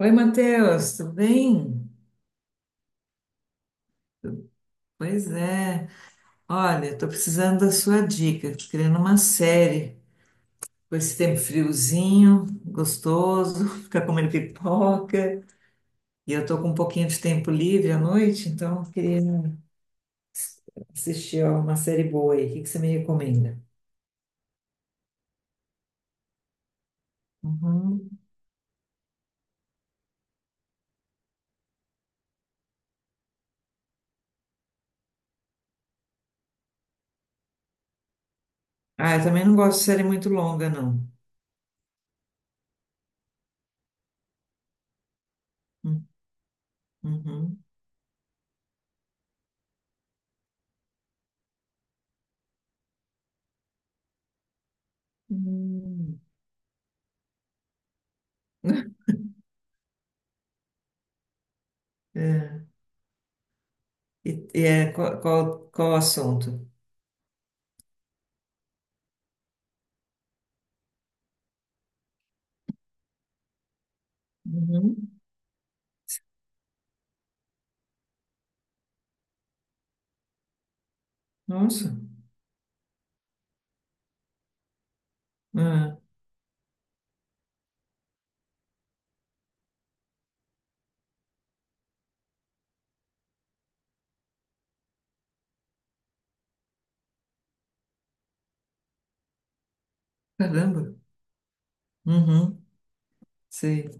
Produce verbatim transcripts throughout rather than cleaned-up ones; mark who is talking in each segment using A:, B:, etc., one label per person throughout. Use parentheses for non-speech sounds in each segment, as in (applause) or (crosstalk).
A: Oi, Matheus, tudo bem? Pois é. Olha, estou precisando da sua dica. Estou querendo uma série com esse tempo friozinho, gostoso, (laughs) ficar comendo pipoca. E eu estou com um pouquinho de tempo livre à noite, então eu queria assistir ó, uma série boa aí. O que que você me recomenda? Uhum. Ah, eu também não gosto de série muito longa, não. Hum. Uhum. Hum. (laughs) É. E, e é, qual, qual, qual o assunto? Uhum. Nossa. Ah. Caramba. Uhum. Sei.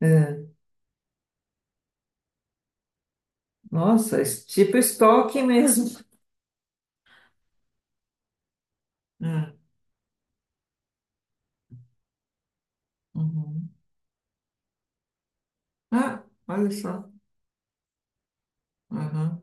A: É. Nossa, es- tipo estoque mesmo. É. Uhum. Ah, olha só. Aham.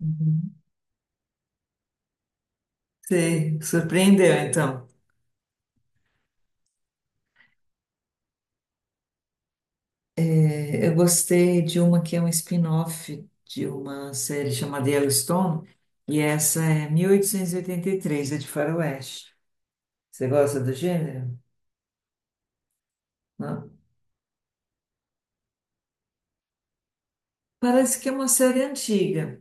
A: Uhum. Sei. Surpreendeu, então. É, eu gostei de uma que é um spin-off de uma série chamada Yellowstone, e essa é mil oitocentos e oitenta e três, é de Faroeste. Você gosta do gênero? Não? Parece que é uma série antiga.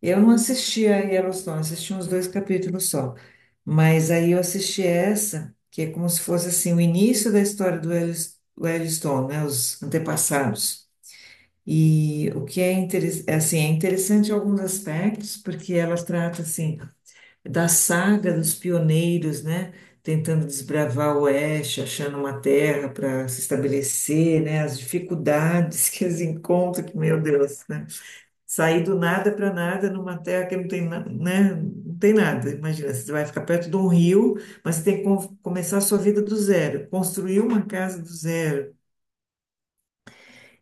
A: Eu não assisti a Yellowstone, não assisti uns dois capítulos só. Mas aí eu assisti essa, que é como se fosse assim o início da história do Yellows- do Yellowstone, né, os antepassados. E o que é, interes- é, assim, é interessante em alguns aspectos, porque ela trata assim da saga dos pioneiros, né, tentando desbravar o oeste, achando uma terra para se estabelecer, né, as dificuldades (laughs) que eles encontram, que meu Deus, né? Sair do nada para nada numa terra que não tem, na- né? Não tem nada. Imagina, você vai ficar perto de um rio, mas você tem que com- começar a sua vida do zero, construir uma casa do zero.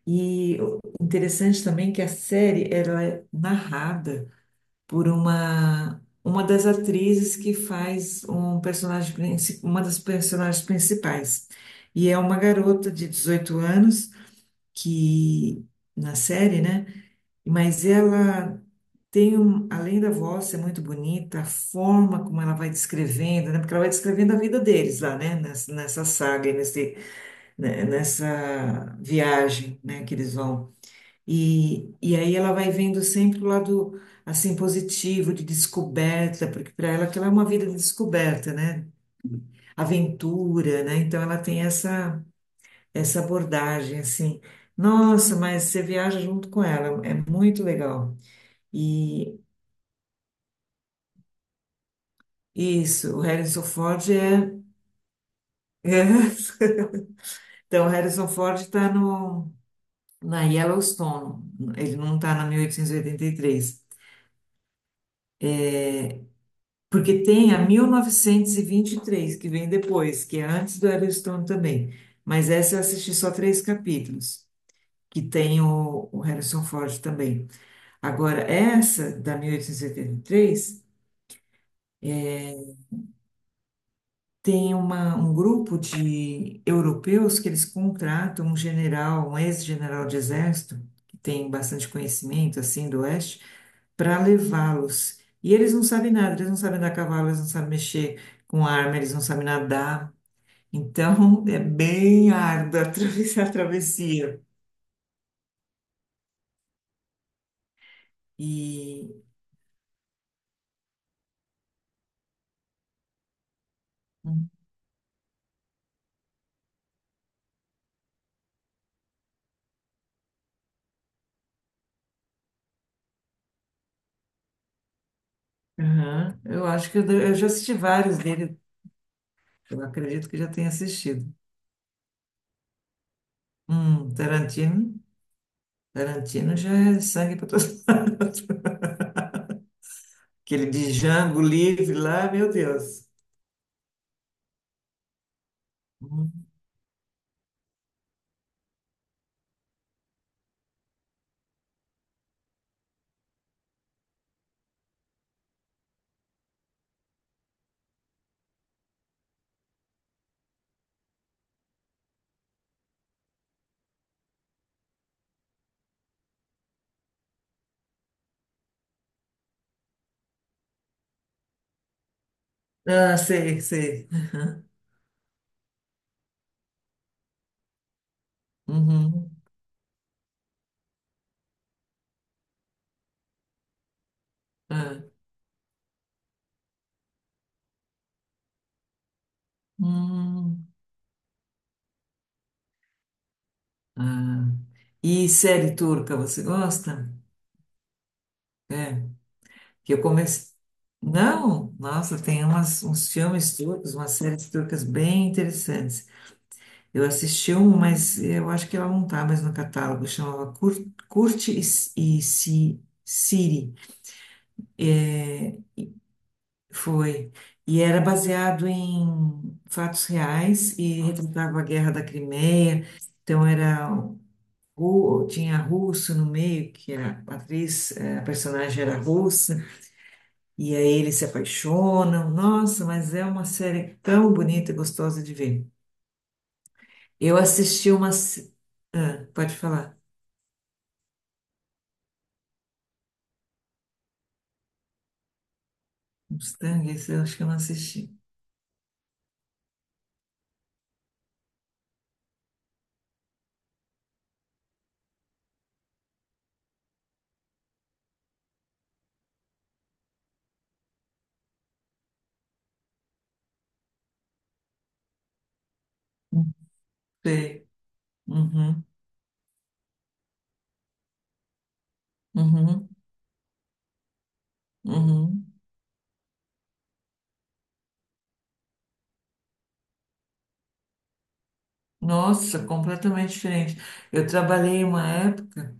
A: E o interessante também é que a série ela é narrada por uma uma das atrizes que faz um personagem princi- uma das personagens principais. E é uma garota de dezoito anos que na série, né? Mas ela tem um, além da voz ser muito bonita, a forma como ela vai descrevendo, né? Porque ela vai descrevendo a vida deles lá, né? Nessa, nessa saga, e nesse, né? Nessa viagem, né? Que eles vão. E, e aí ela vai vendo sempre o lado, assim, positivo, de descoberta, porque para ela aquilo é uma vida de descoberta, né? Aventura, né? Então ela tem essa, essa abordagem, assim. Nossa, mas você viaja junto com ela, é muito legal. Isso, o Harrison Ford é. É. (laughs) Então, o Harrison Ford está no, na Yellowstone, ele não está na mil oitocentos e oitenta e três, porque tem a mil novecentos e vinte e três, que vem depois, que é antes do Yellowstone também. Mas essa eu assisti só três capítulos, que tem o, o Harrison Ford também. Agora, essa da mil oitocentos e oitenta e três tem uma, um grupo de europeus que eles contratam um general, um ex-general de exército, que tem bastante conhecimento, assim, do Oeste, para levá-los. E eles não sabem nada, eles não sabem andar a cavalo, eles não sabem mexer com arma, eles não sabem nadar. Então, (laughs) é bem árdua atravessar a travessia. E aham, eu acho que eu, eu, já assisti vários dele, eu acredito que já tenha assistido. Hum, Tarantino. Tarantino já é sangue para todos (laughs) lados. Aquele de Django livre lá, meu Deus. Hum. Ah, sei, sei. Aham. Uhum. Ah. Hum. Ah. E série turca, você gosta? É, que eu comecei. Não, nossa, tem umas, uns filmes turcos, umas séries turcas bem interessantes. Eu assisti um, mas eu acho que ela não está mais no catálogo. Chamava Cur- Curte e, e Si- Siri. Foi. E era baseado em fatos reais e retratava a Guerra da Crimeia. Então era ru- tinha russo no meio, que a atriz, eh, a personagem era russa, e aí eles se apaixonam. Nossa, mas é uma série tão bonita e gostosa de ver. Eu assisti uma. se- Ah, pode falar. Mustang, esse eu acho que eu não assisti. Não sei. Uhum, uhum, uhum. Nossa, completamente diferente. Eu trabalhei uma época,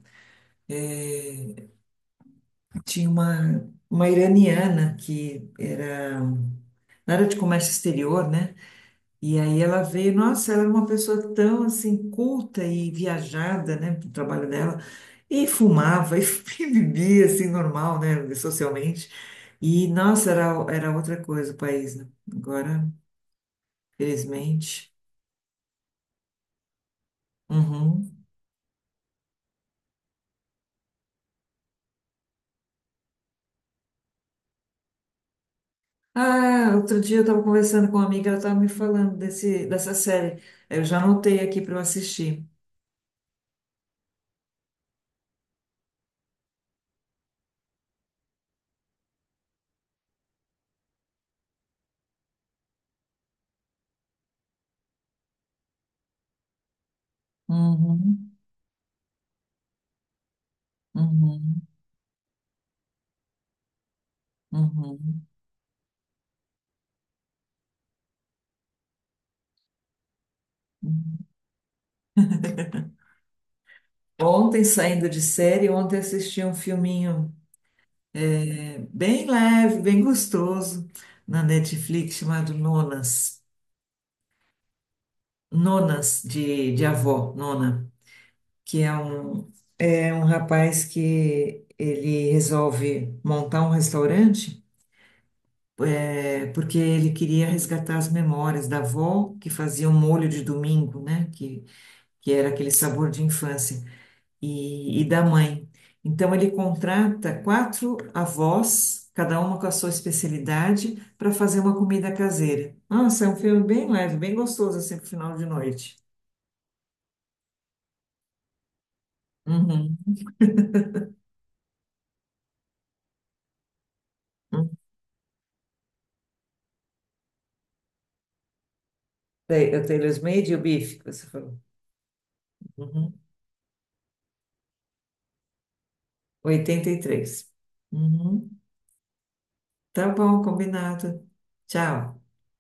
A: tinha uma, uma iraniana que era, ela era de comércio exterior, né? E aí ela veio, nossa, ela era uma pessoa tão assim culta e viajada, né, pro trabalho dela. E fumava (laughs) e bebia assim normal, né, socialmente. E nossa, era era outra coisa o país, né? Agora, felizmente. Uhum. Ah, outro dia eu estava conversando com uma amiga, ela estava me falando desse, dessa série. Eu já anotei aqui para eu assistir. Uhum, uhum, uhum, uhum. Ontem, saindo de série, ontem assisti um filminho é, bem leve, bem gostoso, na Netflix, chamado Nonas. Nonas, de, de avó, Nona, que é um, é um rapaz que ele resolve montar um restaurante. É porque ele queria resgatar as memórias da avó que fazia o molho de domingo, né? Que, que era aquele sabor de infância, e, e da mãe. Então ele contrata quatro avós, cada uma com a sua especialidade, para fazer uma comida caseira. Nossa, é um filme bem leve, bem gostoso, assim, pro final de noite. Uhum. Uhum. Tem- O Taylor's Made e o Bife, que você falou. Uhum. oitenta e três. Uhum. Tá bom, combinado. Tchau.